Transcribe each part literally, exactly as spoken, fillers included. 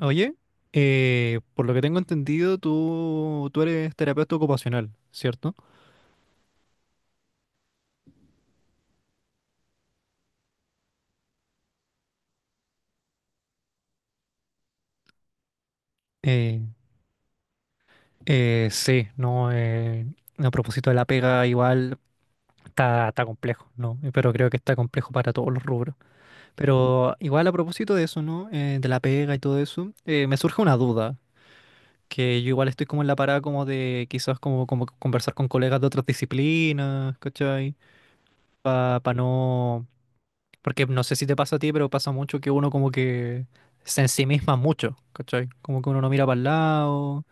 Oye, eh, por lo que tengo entendido, tú, tú eres terapeuta ocupacional, ¿cierto? Eh, eh, sí, no, eh, a propósito de la pega, igual está, está complejo, ¿no? Eh, Pero creo que está complejo para todos los rubros. Pero igual a propósito de eso, ¿no? Eh, de la pega y todo eso, eh, me surge una duda, que yo igual estoy como en la parada como de quizás como, como conversar con colegas de otras disciplinas, ¿cachai? Para no. Porque no sé si te pasa a ti, pero pasa mucho que uno como que se ensimisma mucho, ¿cachai? Como que uno no mira para el lado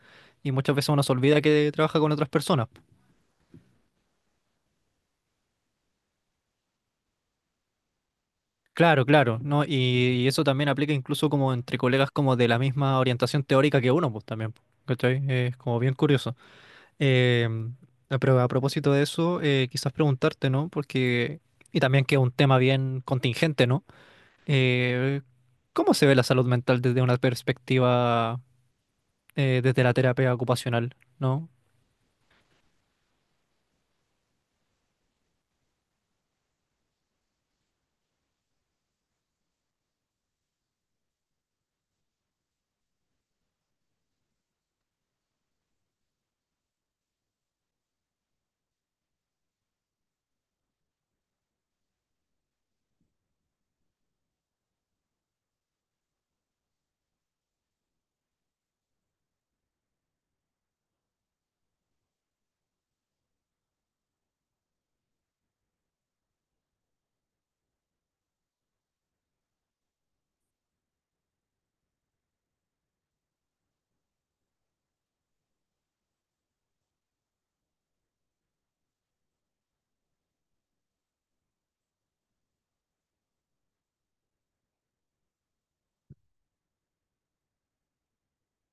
y muchas veces uno se olvida que trabaja con otras personas. Claro, claro, ¿no? Y, y eso también aplica incluso como entre colegas como de la misma orientación teórica que uno, pues también, pues, ¿cachai? Es como bien curioso. Em, ah, pero a propósito de eso, eh, quizás preguntarte, ¿no? Porque, y también que es un tema bien contingente, ¿no? Eh, ¿Cómo se ve la salud mental desde una perspectiva, eh, desde la terapia ocupacional, ¿no?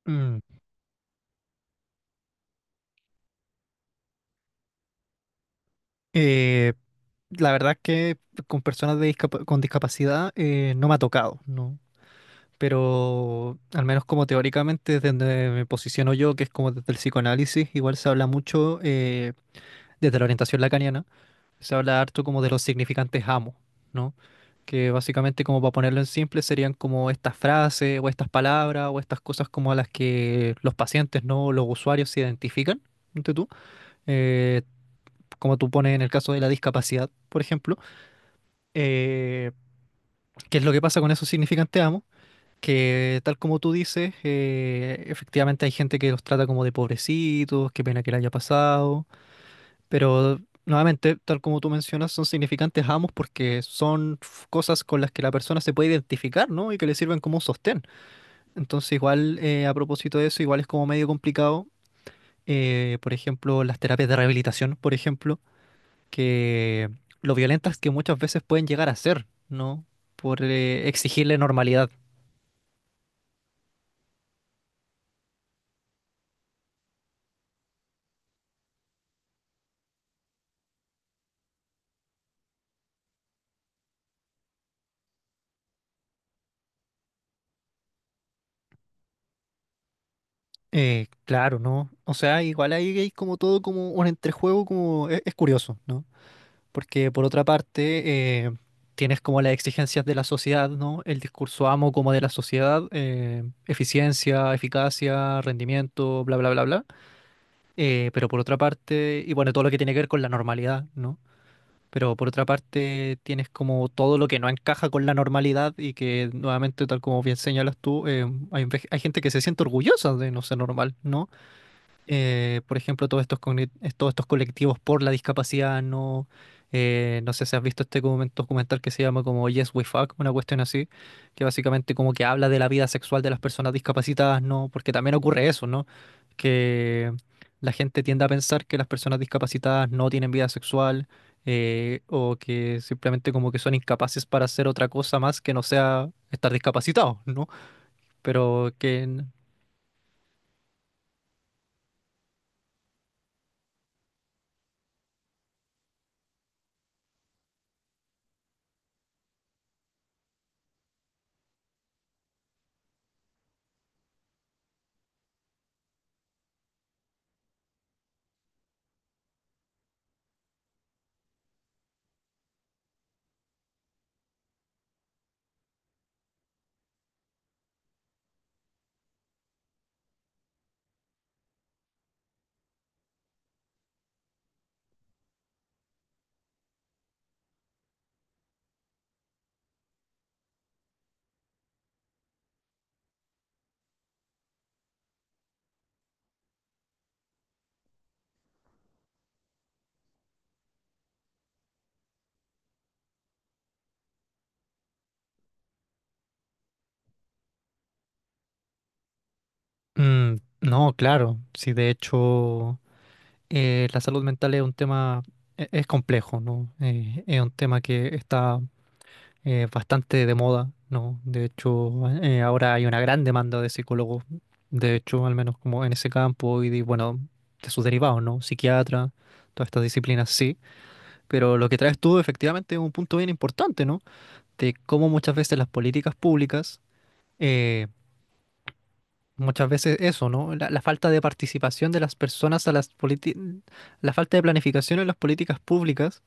Mm. Eh, la verdad es que con personas de discap- con discapacidad eh, no me ha tocado, ¿no? Pero al menos como teóricamente, desde donde me posiciono yo, que es como desde el psicoanálisis, igual se habla mucho eh, desde la orientación lacaniana, se habla harto como de los significantes amo, ¿no? Que básicamente, como para ponerlo en simple, serían como estas frases o estas palabras o estas cosas como a las que los pacientes, ¿no? Los usuarios se identifican, ¿no? eh, Como tú pones en el caso de la discapacidad, por ejemplo, eh, qué es lo que pasa con esos significantes amos, que tal como tú dices, eh, efectivamente hay gente que los trata como de pobrecitos, qué pena que le haya pasado, pero nuevamente, tal como tú mencionas, son significantes amos porque son f- cosas con las que la persona se puede identificar, ¿no? Y que le sirven como un sostén. Entonces, igual, eh, a propósito de eso, igual es como medio complicado. Eh, por ejemplo, las terapias de rehabilitación, por ejemplo, que lo violentas que muchas veces pueden llegar a ser, ¿no? Por eh, exigirle normalidad. Eh, claro, ¿no? O sea, igual ahí hay como todo como un entrejuego, como es, es curioso, ¿no? Porque por otra parte, eh, tienes como las exigencias de la sociedad, ¿no? El discurso amo como de la sociedad, eh, eficiencia, eficacia, rendimiento, bla, bla, bla, bla. Eh, pero por otra parte, y bueno, todo lo que tiene que ver con la normalidad, ¿no? Pero por otra parte, tienes como todo lo que no encaja con la normalidad y que nuevamente, tal como bien señalas tú, eh, hay, ve- hay gente que se siente orgullosa de no ser normal, ¿no? Eh, por ejemplo, todos estos, cogni- es- todos estos colectivos por la discapacidad, ¿no? Eh, no sé si has visto este documen- documental que se llama como Yes We Fuck, una cuestión así, que básicamente como que habla de la vida sexual de las personas discapacitadas, ¿no? Porque también ocurre eso, ¿no? Que la gente tiende a pensar que las personas discapacitadas no tienen vida sexual. Eh, o que simplemente como que son incapaces para hacer otra cosa más que no sea estar discapacitados, ¿no? Pero que n- Mm, no, claro, sí, de hecho, eh, la salud mental es un tema, e- es complejo, ¿no? Eh, es un tema que está eh, bastante de moda, ¿no? De hecho, eh, ahora hay una gran demanda de psicólogos, de hecho, al menos como en ese campo, y de, bueno, de sus derivados, ¿no? Psiquiatra, todas estas disciplinas, sí, pero lo que traes tú efectivamente es un punto bien importante, ¿no? De cómo muchas veces las políticas públicas. eh, Muchas veces eso, ¿no? La, la falta de participación de las personas a las políticas, la falta de planificación en las políticas públicas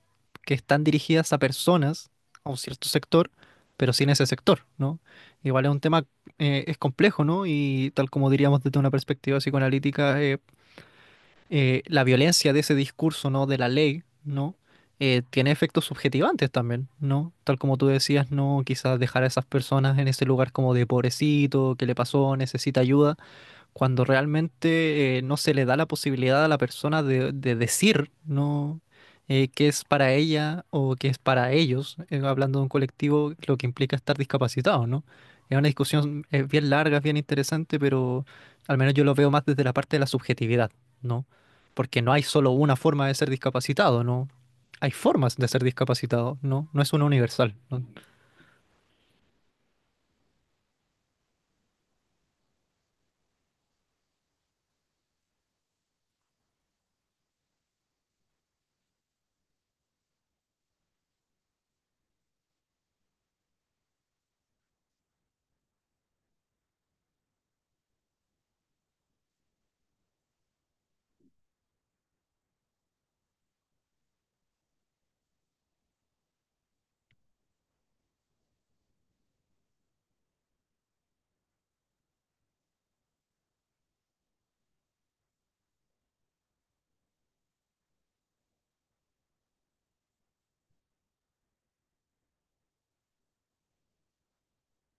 que están dirigidas a personas, a un cierto sector, pero sin ese sector, ¿no? Igual es un tema, eh, es complejo, ¿no? Y tal como diríamos desde una perspectiva psicoanalítica, eh, eh, la violencia de ese discurso, ¿no? De la ley, ¿no? Eh, tiene efectos subjetivantes también, ¿no? Tal como tú decías, ¿no? Quizás dejar a esas personas en ese lugar como de pobrecito, ¿qué le pasó? Necesita ayuda cuando realmente eh, no se le da la posibilidad a la persona de, de decir no eh, qué es para ella o qué es para ellos, eh, hablando de un colectivo, lo que implica estar discapacitado, ¿no? Es una discusión eh, bien larga, bien interesante, pero al menos yo lo veo más desde la parte de la subjetividad, ¿no? Porque no hay solo una forma de ser discapacitado, ¿no? Hay formas de ser discapacitado, ¿no? No es una universal, ¿no?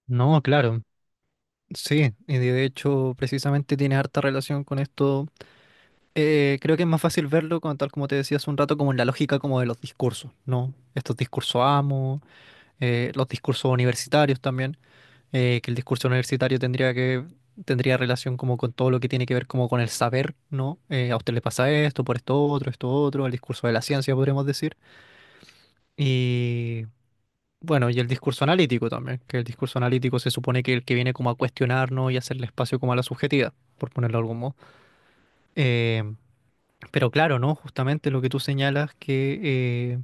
No, claro. Sí, y de hecho precisamente tiene harta relación con esto. Eh, creo que es más fácil verlo, como, tal como te decía hace un rato, como en la lógica como de los discursos, ¿no? Estos discursos amo, eh, los discursos universitarios también, eh, que el discurso universitario tendría que tendría relación como con todo lo que tiene que ver como con el saber, ¿no? Eh, a usted le pasa esto, por esto otro, esto otro, el discurso de la ciencia podríamos decir. Y bueno, y el discurso analítico también, que el discurso analítico se supone que el que viene como a cuestionarnos y hacerle espacio como a la subjetividad, por ponerlo de algún modo. Em, Pero claro, ¿no? Justamente lo que tú señalas, que eh,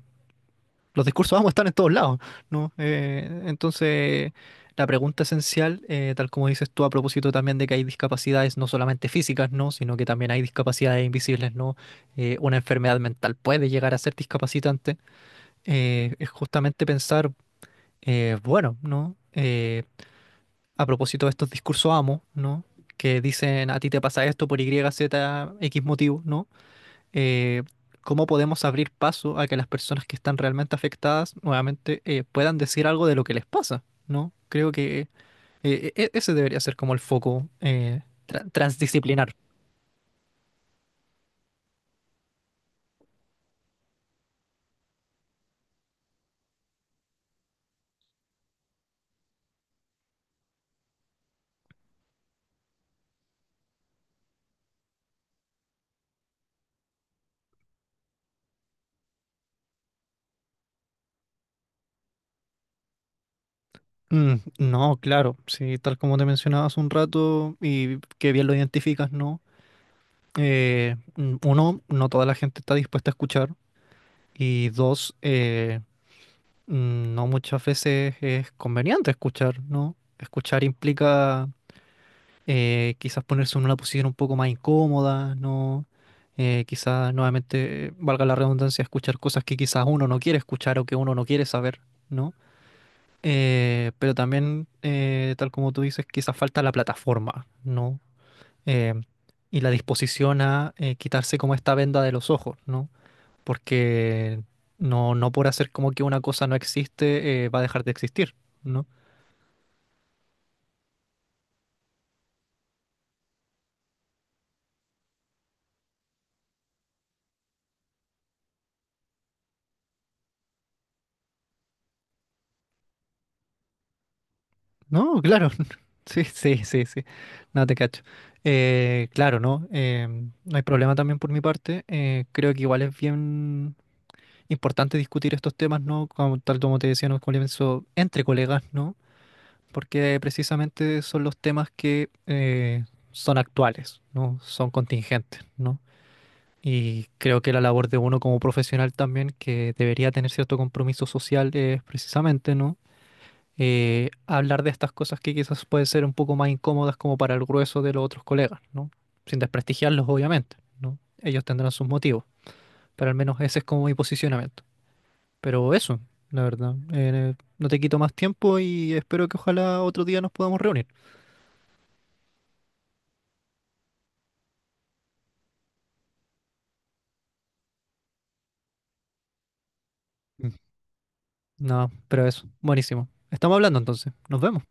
los discursos vamos a estar en todos lados, ¿no? Eh, entonces, la pregunta esencial, eh, tal como dices tú a propósito también de que hay discapacidades no solamente físicas, ¿no? Sino que también hay discapacidades invisibles, ¿no? Eh, una enfermedad mental puede llegar a ser discapacitante. Eh, es justamente pensar, eh, bueno, ¿no? Eh, a propósito de estos discursos amo, ¿no? Que dicen a ti te pasa esto por Y Z X motivo, ¿no? eh, Cómo podemos abrir paso a que las personas que están realmente afectadas nuevamente eh, puedan decir algo de lo que les pasa, ¿no? Creo que eh, e- ese debería ser como el foco eh, tra- transdisciplinar. Mm, no, claro, sí, tal como te mencionaba hace un rato y que bien lo identificas, ¿no? Eh, mm, uno, no toda la gente está dispuesta a escuchar y dos, eh, mm, no muchas veces es conveniente escuchar, ¿no? Escuchar implica eh, quizás ponerse en una posición un poco más incómoda, ¿no? Eh, quizás nuevamente, eh, valga la redundancia, escuchar cosas que quizás uno no quiere escuchar o que uno no quiere saber, ¿no? Eh, pero también, eh, tal como tú dices, quizás falta la plataforma, ¿no? Eh, y la disposición a eh, quitarse como esta venda de los ojos, ¿no? Porque no, no por hacer como que una cosa no existe, eh, va a dejar de existir, ¿no? No, claro. Sí, sí, sí, sí. No te cacho. Eh, claro, ¿no? Eh, no hay problema también por mi parte. Eh, creo que igual es bien importante discutir estos temas, ¿no? Como, tal como te decía en un comienzo, entre colegas, ¿no? Porque precisamente son los temas que eh, son actuales, ¿no? Son contingentes, ¿no? Y creo que la labor de uno como profesional también, que debería tener cierto compromiso social, es precisamente, ¿no? Eh, hablar de estas cosas que quizás pueden ser un poco más incómodas como para el grueso de los otros colegas, ¿no? Sin desprestigiarlos, obviamente, ¿no? Ellos tendrán sus motivos, pero al menos ese es como mi posicionamiento. Pero eso, la verdad, eh, no te quito más tiempo y espero que ojalá otro día nos podamos reunir. Mm. No, pero eso, buenísimo. Estamos hablando entonces, nos vemos.